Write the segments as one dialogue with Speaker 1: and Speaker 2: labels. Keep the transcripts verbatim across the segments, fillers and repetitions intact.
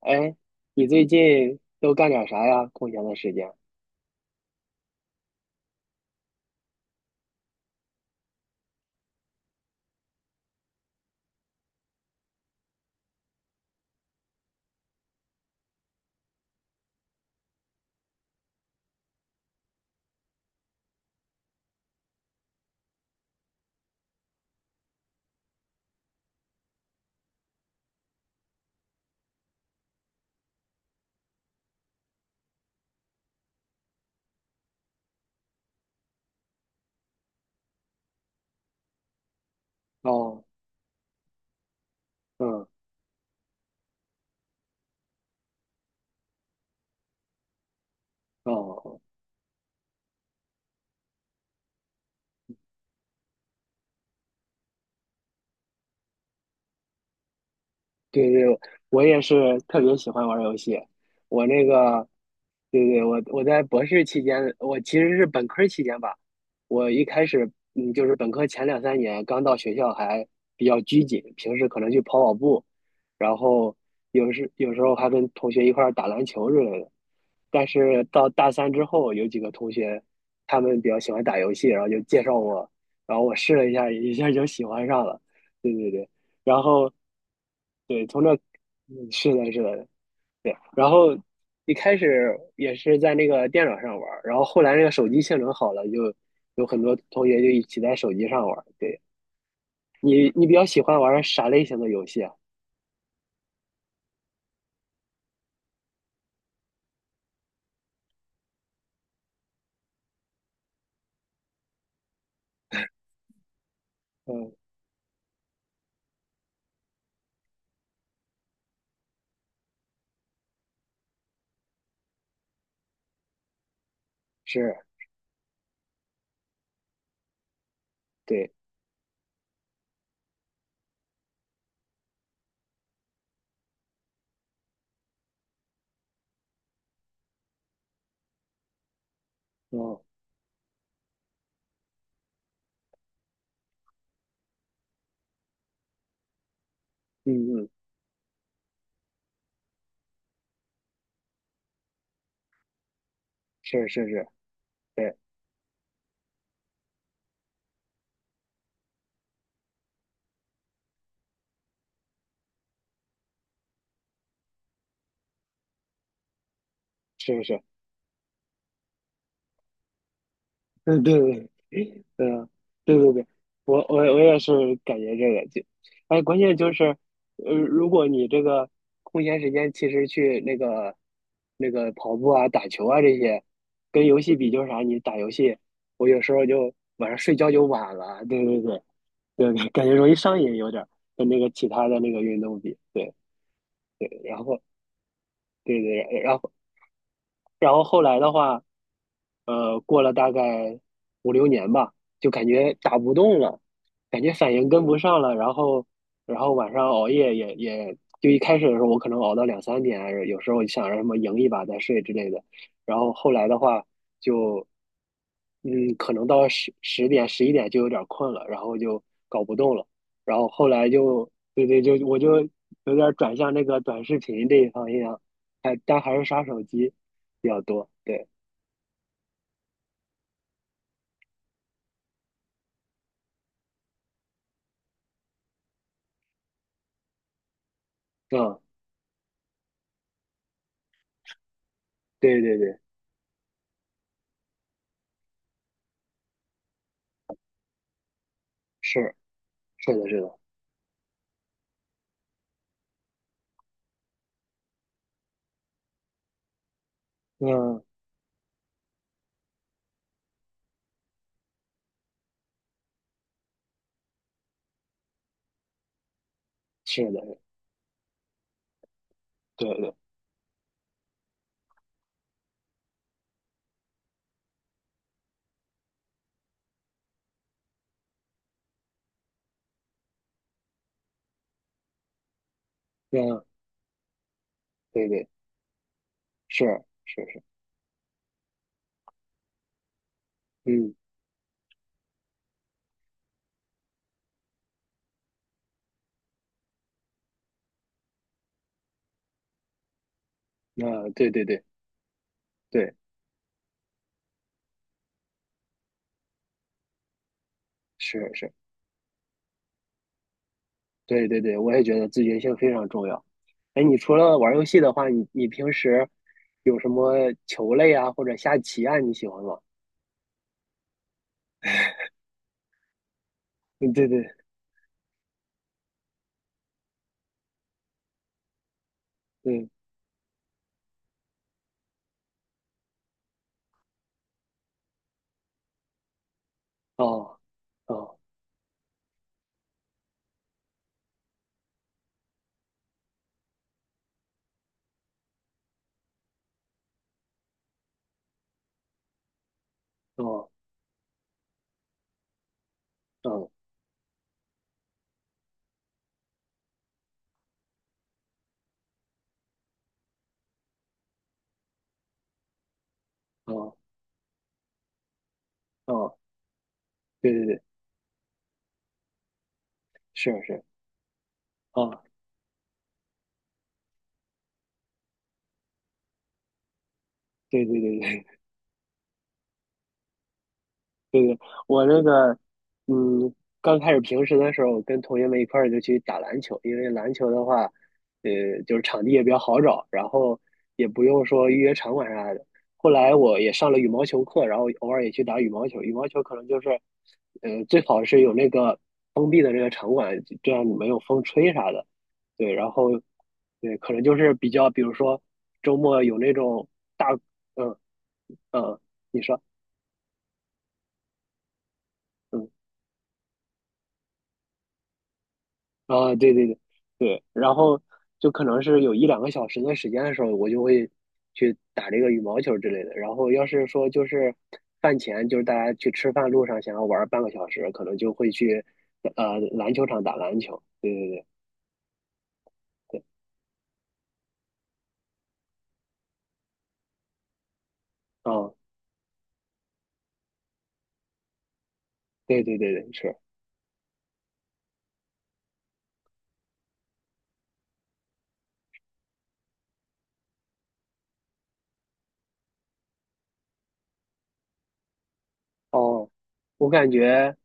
Speaker 1: 哎，你最近都干点啥呀？空闲的时间？哦，嗯，哦，哦对对，我也是特别喜欢玩儿游戏。我那个，对对，我我在博士期间，我其实是本科儿期间吧。我一开始，嗯，就是本科前两三年刚到学校还比较拘谨，平时可能去跑跑步，然后有时有时候还跟同学一块儿打篮球之类的。但是到大三之后，有几个同学他们比较喜欢打游戏，然后就介绍我，然后我试了一下，一下就喜欢上了。对对对，然后。对，从那，嗯是的，是的，对。然后一开始也是在那个电脑上玩儿，然后后来那个手机性能好了，就有很多同学就一起在手机上玩儿。对，你你比较喜欢玩儿啥类型的游戏啊？嗯，是，对，嗯嗯嗯，是是是是是，嗯对对嗯，对对对，我我我也是感觉这个就，哎，关键就是，呃，如果你这个空闲时间其实去那个那个跑步啊、打球啊这些，跟游戏比就是啥，你打游戏，我有时候就晚上睡觉就晚了，对对对，对对，感觉容易上瘾有点儿，跟那个其他的那个运动比，对对，然后对对，然后然后后来的话。呃，过了大概五六年吧，就感觉打不动了，感觉反应跟不上了，然后，然后晚上熬夜也也，就一开始的时候我可能熬到两三点啊，有时候想着什么赢一把再睡之类的，然后后来的话就，嗯，可能到十十点十一点就有点困了，然后就搞不动了，然后后来就，对对，就我就有点转向那个短视频这一方面，还但还是刷手机比较多，对，嗯。对对对，是是的，是的，嗯，是的，对对，嗯，对对，是是是，嗯，那对对对对，是是，对对对，我也觉得自觉性非常重要。哎，你除了玩游戏的话，你你平时有什么球类啊，或者下棋啊，你喜欢吗？嗯，对对，对，哦，哦，哦，哦，哦，哦，对对对，是是，哦，对对对对，我那个，嗯，刚开始平时的时候，跟同学们一块儿就去打篮球，因为篮球的话，呃，就是场地也比较好找，然后也不用说预约场馆啥的。后来我也上了羽毛球课，然后偶尔也去打羽毛球。羽毛球可能就是，呃，最好是有那个封闭的那个场馆，这样你没有风吹啥的。对，然后，对，可能就是比较，比如说周末有那种大，嗯嗯，你说。嗯。啊，对对对对，然后就可能是有一两个小时的时间的时候，我就会去打这个羽毛球之类的。然后要是说就是饭前，就是大家去吃饭路上想要玩半个小时，可能就会去呃篮球场打篮球。对对对，哦，对对对对，是哦，我感觉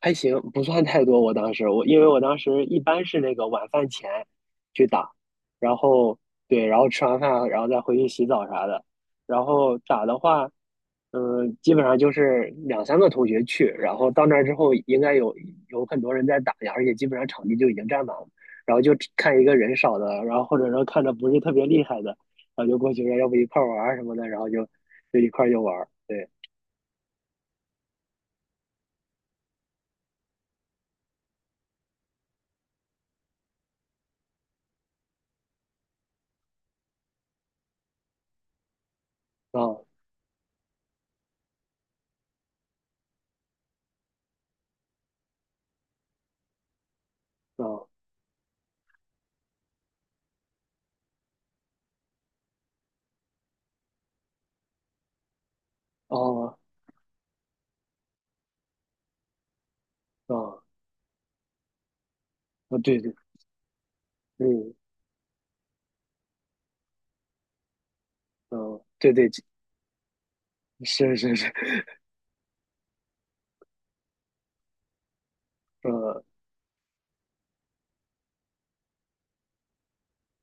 Speaker 1: 还行，不算太多。我当时我因为我当时一般是那个晚饭前去打，然后对，然后吃完饭然后再回去洗澡啥的。然后打的话，嗯，基本上就是两三个同学去，然后到那儿之后，应该有有很多人在打呀，而且基本上场地就已经占满了，然后就只看一个人少的，然后或者说看着不是特别厉害的，然后就过去说要不一块儿玩儿什么的，然后就就一块儿就玩儿，对，啊啊啊啊啊，对对，嗯嗯，对对，是是是，嗯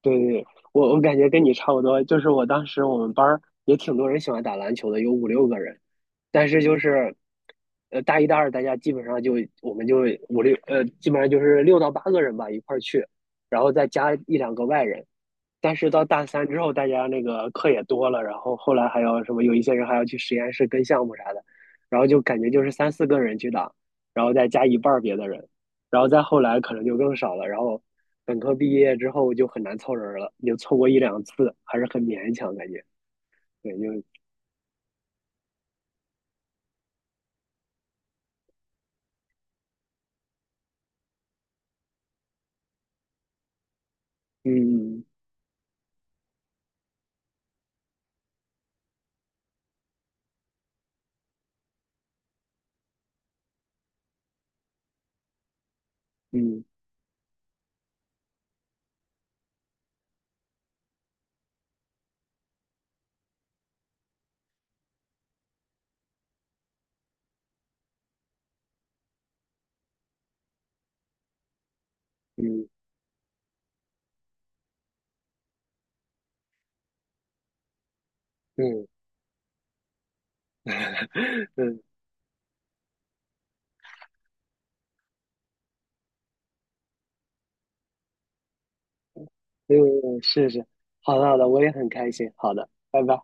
Speaker 1: 对对对，我我感觉跟你差不多，就是我当时我们班儿也挺多人喜欢打篮球的，有五六个人，但是就是，呃，大一大二大家基本上就我们就五六呃，基本上就是六到八个人吧一块儿去，然后再加一两个外人，但是到大三之后，大家那个课也多了，然后后来还要什么，有一些人还要去实验室跟项目啥的，然后就感觉就是三四个人去打，然后再加一半儿别的人，然后再后来可能就更少了。然后本科毕业之后就很难凑人了，也凑过一两次，还是很勉强感觉。对，就嗯嗯嗯嗯 嗯嗯，是是，好的好的，我也很开心。好的，拜拜。